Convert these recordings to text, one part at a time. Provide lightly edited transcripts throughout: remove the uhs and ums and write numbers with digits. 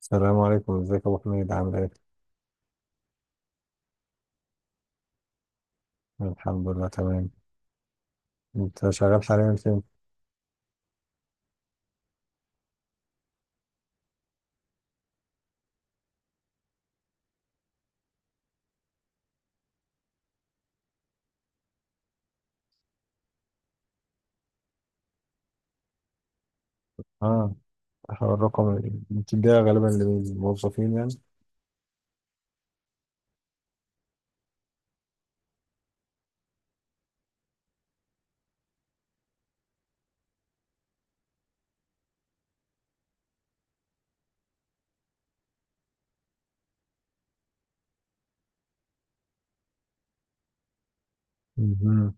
السلام عليكم، ازيك يا ابو حميد؟ عامل ايه؟ الحمد لله تمام. انت شغال حاليا فين؟ اه، هو الرقم اللي بتديها غالبا للموظفين يعني؟ مهم.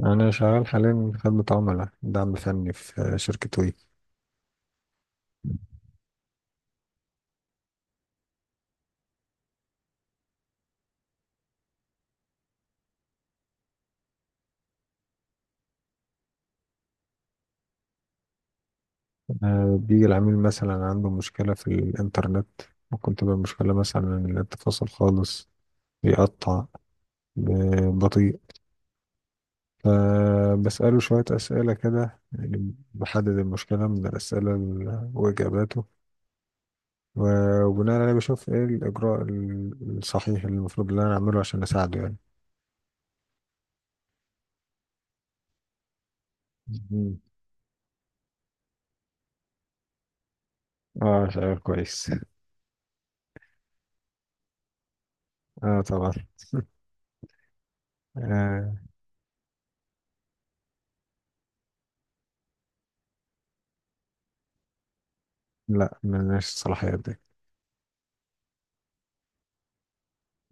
انا شغال حاليا خدمة عملاء دعم فني في شركة وي. بيجي العميل مثلا عنده مشكلة في الانترنت، ممكن تبقى مشكلة مثلا إن النت فاصل خالص، بيقطع، بطيء. فبسأله شوية أسئلة كده، يعني بحدد المشكلة من الأسئلة وإجاباته، و- وبناء عليه بشوف ايه الاجراء الصحيح اللي المفروض اللي انا اعمله عشان اساعده يعني. مم. اه، شعور كويس. اه طبعا. آه. لا، ملناش الصلاحيات دي.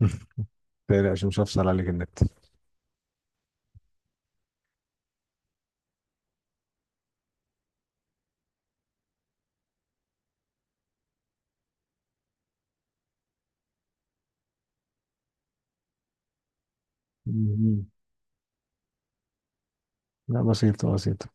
متقلقش، مش هفصل عليك النت. مم. لا، بسيطة بسيطة.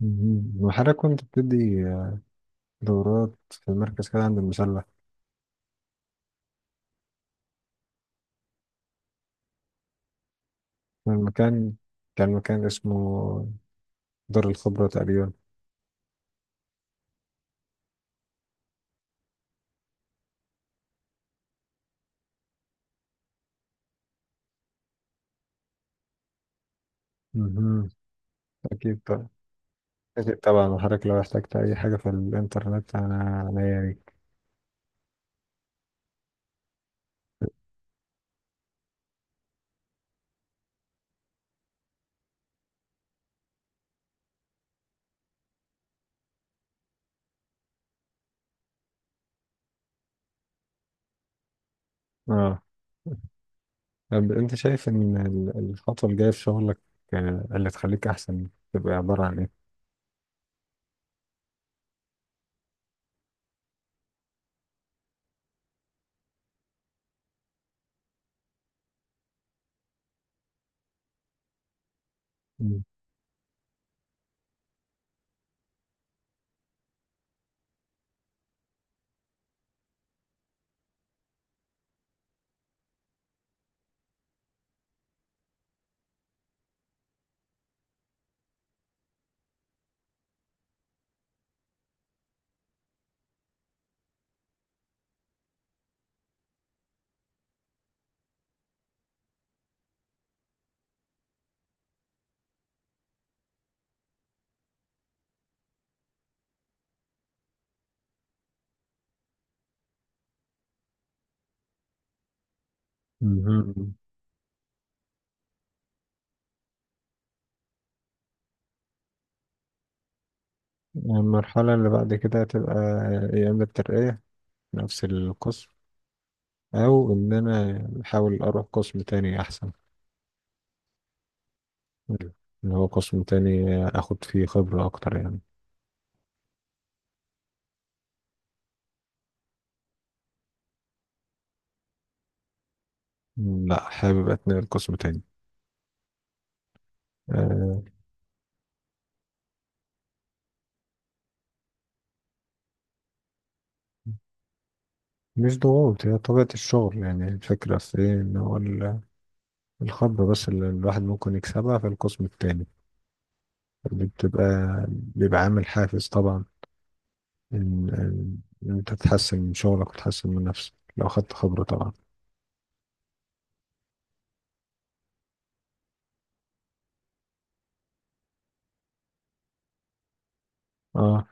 مم. وحضرتك كنت بتدي دورات في مركز كده عند المسلة؟ المكان كان مكان اسمه دار الخبرة تقريبا. مم. أكيد طبعا. أكيد طبعا، وحضرتك لو احتجت أي حاجة في الإنترنت أنا عنيا ليك. اه. طب انت شايف ان الخطوة الجاية في شغلك، اللي تخليك احسن تبقى عبارة عن ايه؟ مم. مهم. المرحلة اللي بعد كده تبقى يا اما الترقية في نفس القسم، او ان انا احاول اروح قسم تاني احسن، اللي هو قسم تاني اخد فيه خبرة اكتر يعني. مم، لا، حابب اتنقل قسم تاني. آه، مش ضغوط، هي طبيعة الشغل، يعني الفكرة في ايه ان هو الخبرة بس اللي الواحد ممكن يكسبها في القسم التاني بتبقى، بيبقى عامل حافز طبعا، إن إن أنت تتحسن من شغلك وتتحسن من نفسك لو خدت خبرة طبعا. اه.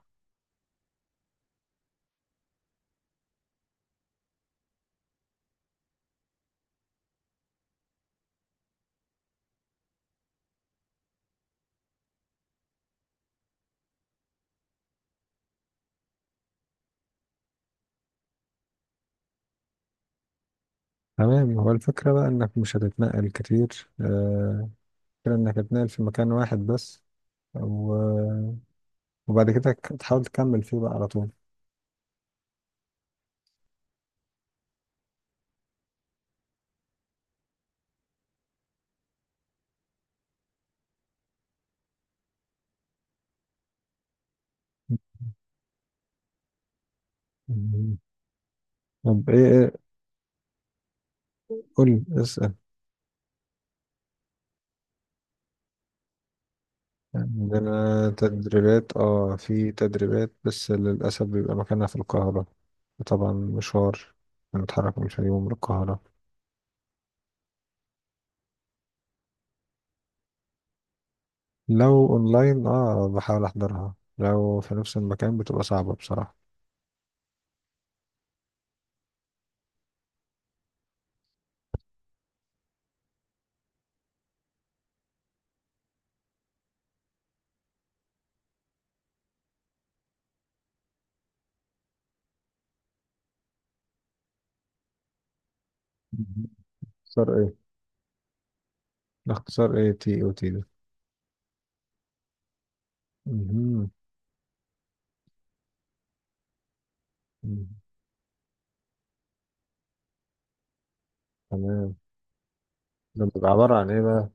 تمام، هو الفكرة بقى إنك مش هتتنقل كتير، الفكرة إنك هتتنقل في مكان واحد بس، و- وبعد كده تحاول تكمل فيه بقى على طول. مم. طب إيه؟ إيه؟ قول اسأل. عندنا تدريبات، اه، في تدريبات بس للأسف بيبقى مكانها في القاهرة. طبعا مشوار، نتحرك من الفيوم للقاهرة. لو اونلاين اه بحاول احضرها، لو في نفس المكان بتبقى صعبة بصراحة. مهم. اختار ايه؟ اختصار ايه تي او تي ده؟ مهم. مهم. تمام. ده بيبقى عبارة عن ايه بقى؟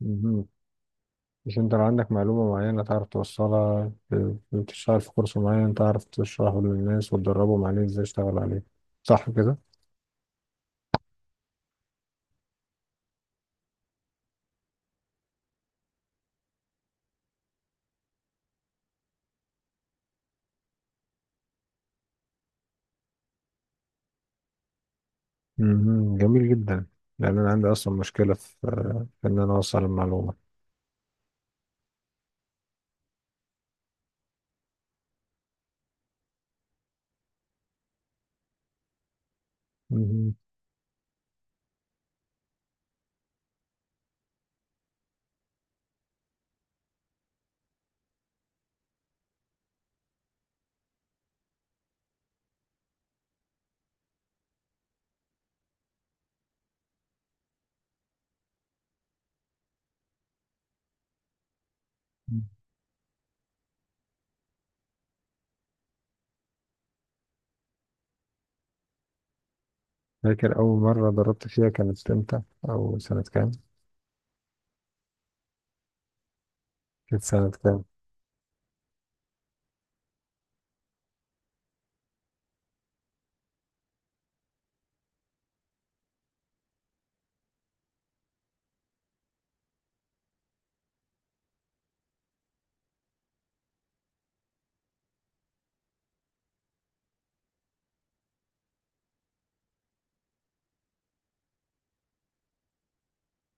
مهم. مش انت لو عندك معلومة معينة تعرف توصلها، بتشتغل في كورس معين تعرف تشرحه للناس وتدربهم عليه ازاي يشتغل عليه، صح كده؟ مهم. جميل جدا. لان انا عندي اصلا مشكلة في، في ان انا اوصل المعلومة. مهم. فاكر اول مرة دربت فيها كانت امتى او سنة كام؟ كانت سنة كام؟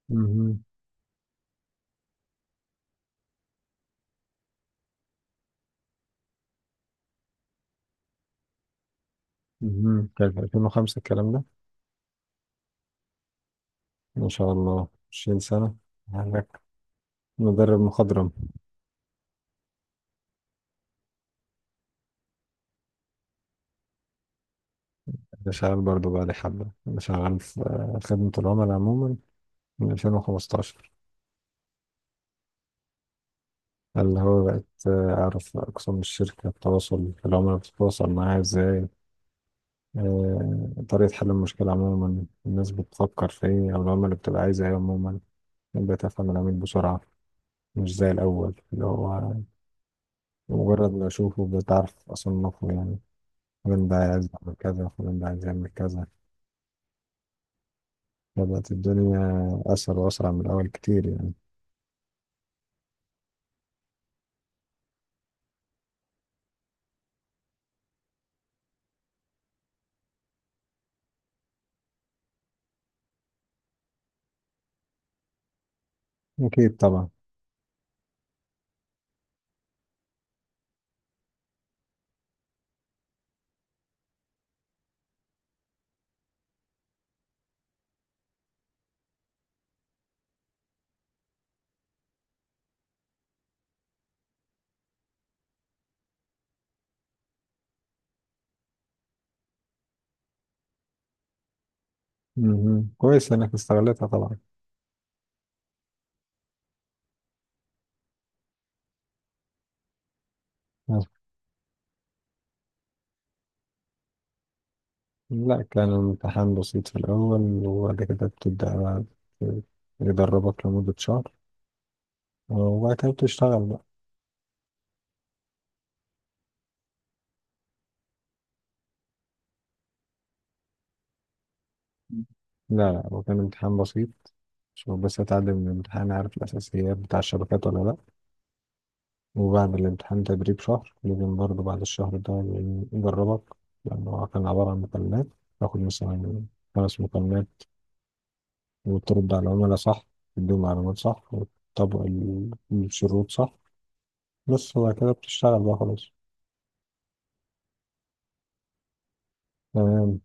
مهم. مهم. كان في 2005 الكلام ده؟ ما شاء الله 20 سنة عندك، مدرب مخضرم. أنا شغال برضه بقالي حبة، أنا شغال في خدمة العملاء عموما من 2015، اللي هو بقيت أعرف أقسام الشركة، التواصل العملاء بتتواصل معاها إزاي، طريقة حل المشكلة عموما، الناس بتفكر في إيه أو العملاء بتبقى عايزة إيه عموما. بقيت أفهم العميل بسرعة، مش زي الأول، اللي هو مجرد ما أشوفه بتعرف أصنفه يعني، فلان ده عايز يعمل كذا، فلان ده عايز يعمل كذا. بدأت الدنيا أسهل وأسرع من الأول كتير يعني. أكيد طبعا. مهم. كويس إنك استغلتها طبعا. آه. لا، كان الامتحان بسيط في الأول، وبعد كده بتبدأ بقى، ت- يدربك لمدة شهر، وبعد كده بتشتغل بقى. لا لا، هو كان امتحان بسيط عشان بس أتعلم من الامتحان، عارف الأساسيات بتاع الشبكات ولا لأ. وبعد الامتحان تدريب شهر لازم برضه، بعد الشهر ده يجربك، لأن هو كان عبارة عن مكالمات، تاخد مثلا خمس مكالمات وترد على العملاء صح، تديهم معلومات صح وتطبق الشروط صح بس. وبعد كده بتشتغل بقى خلاص. تمام.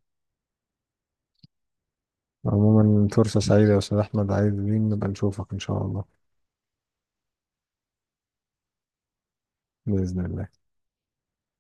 عموما فرصة سعيدة يا أستاذ أحمد، عايزين نبقى نشوفك إن شاء الله. بإذن الله.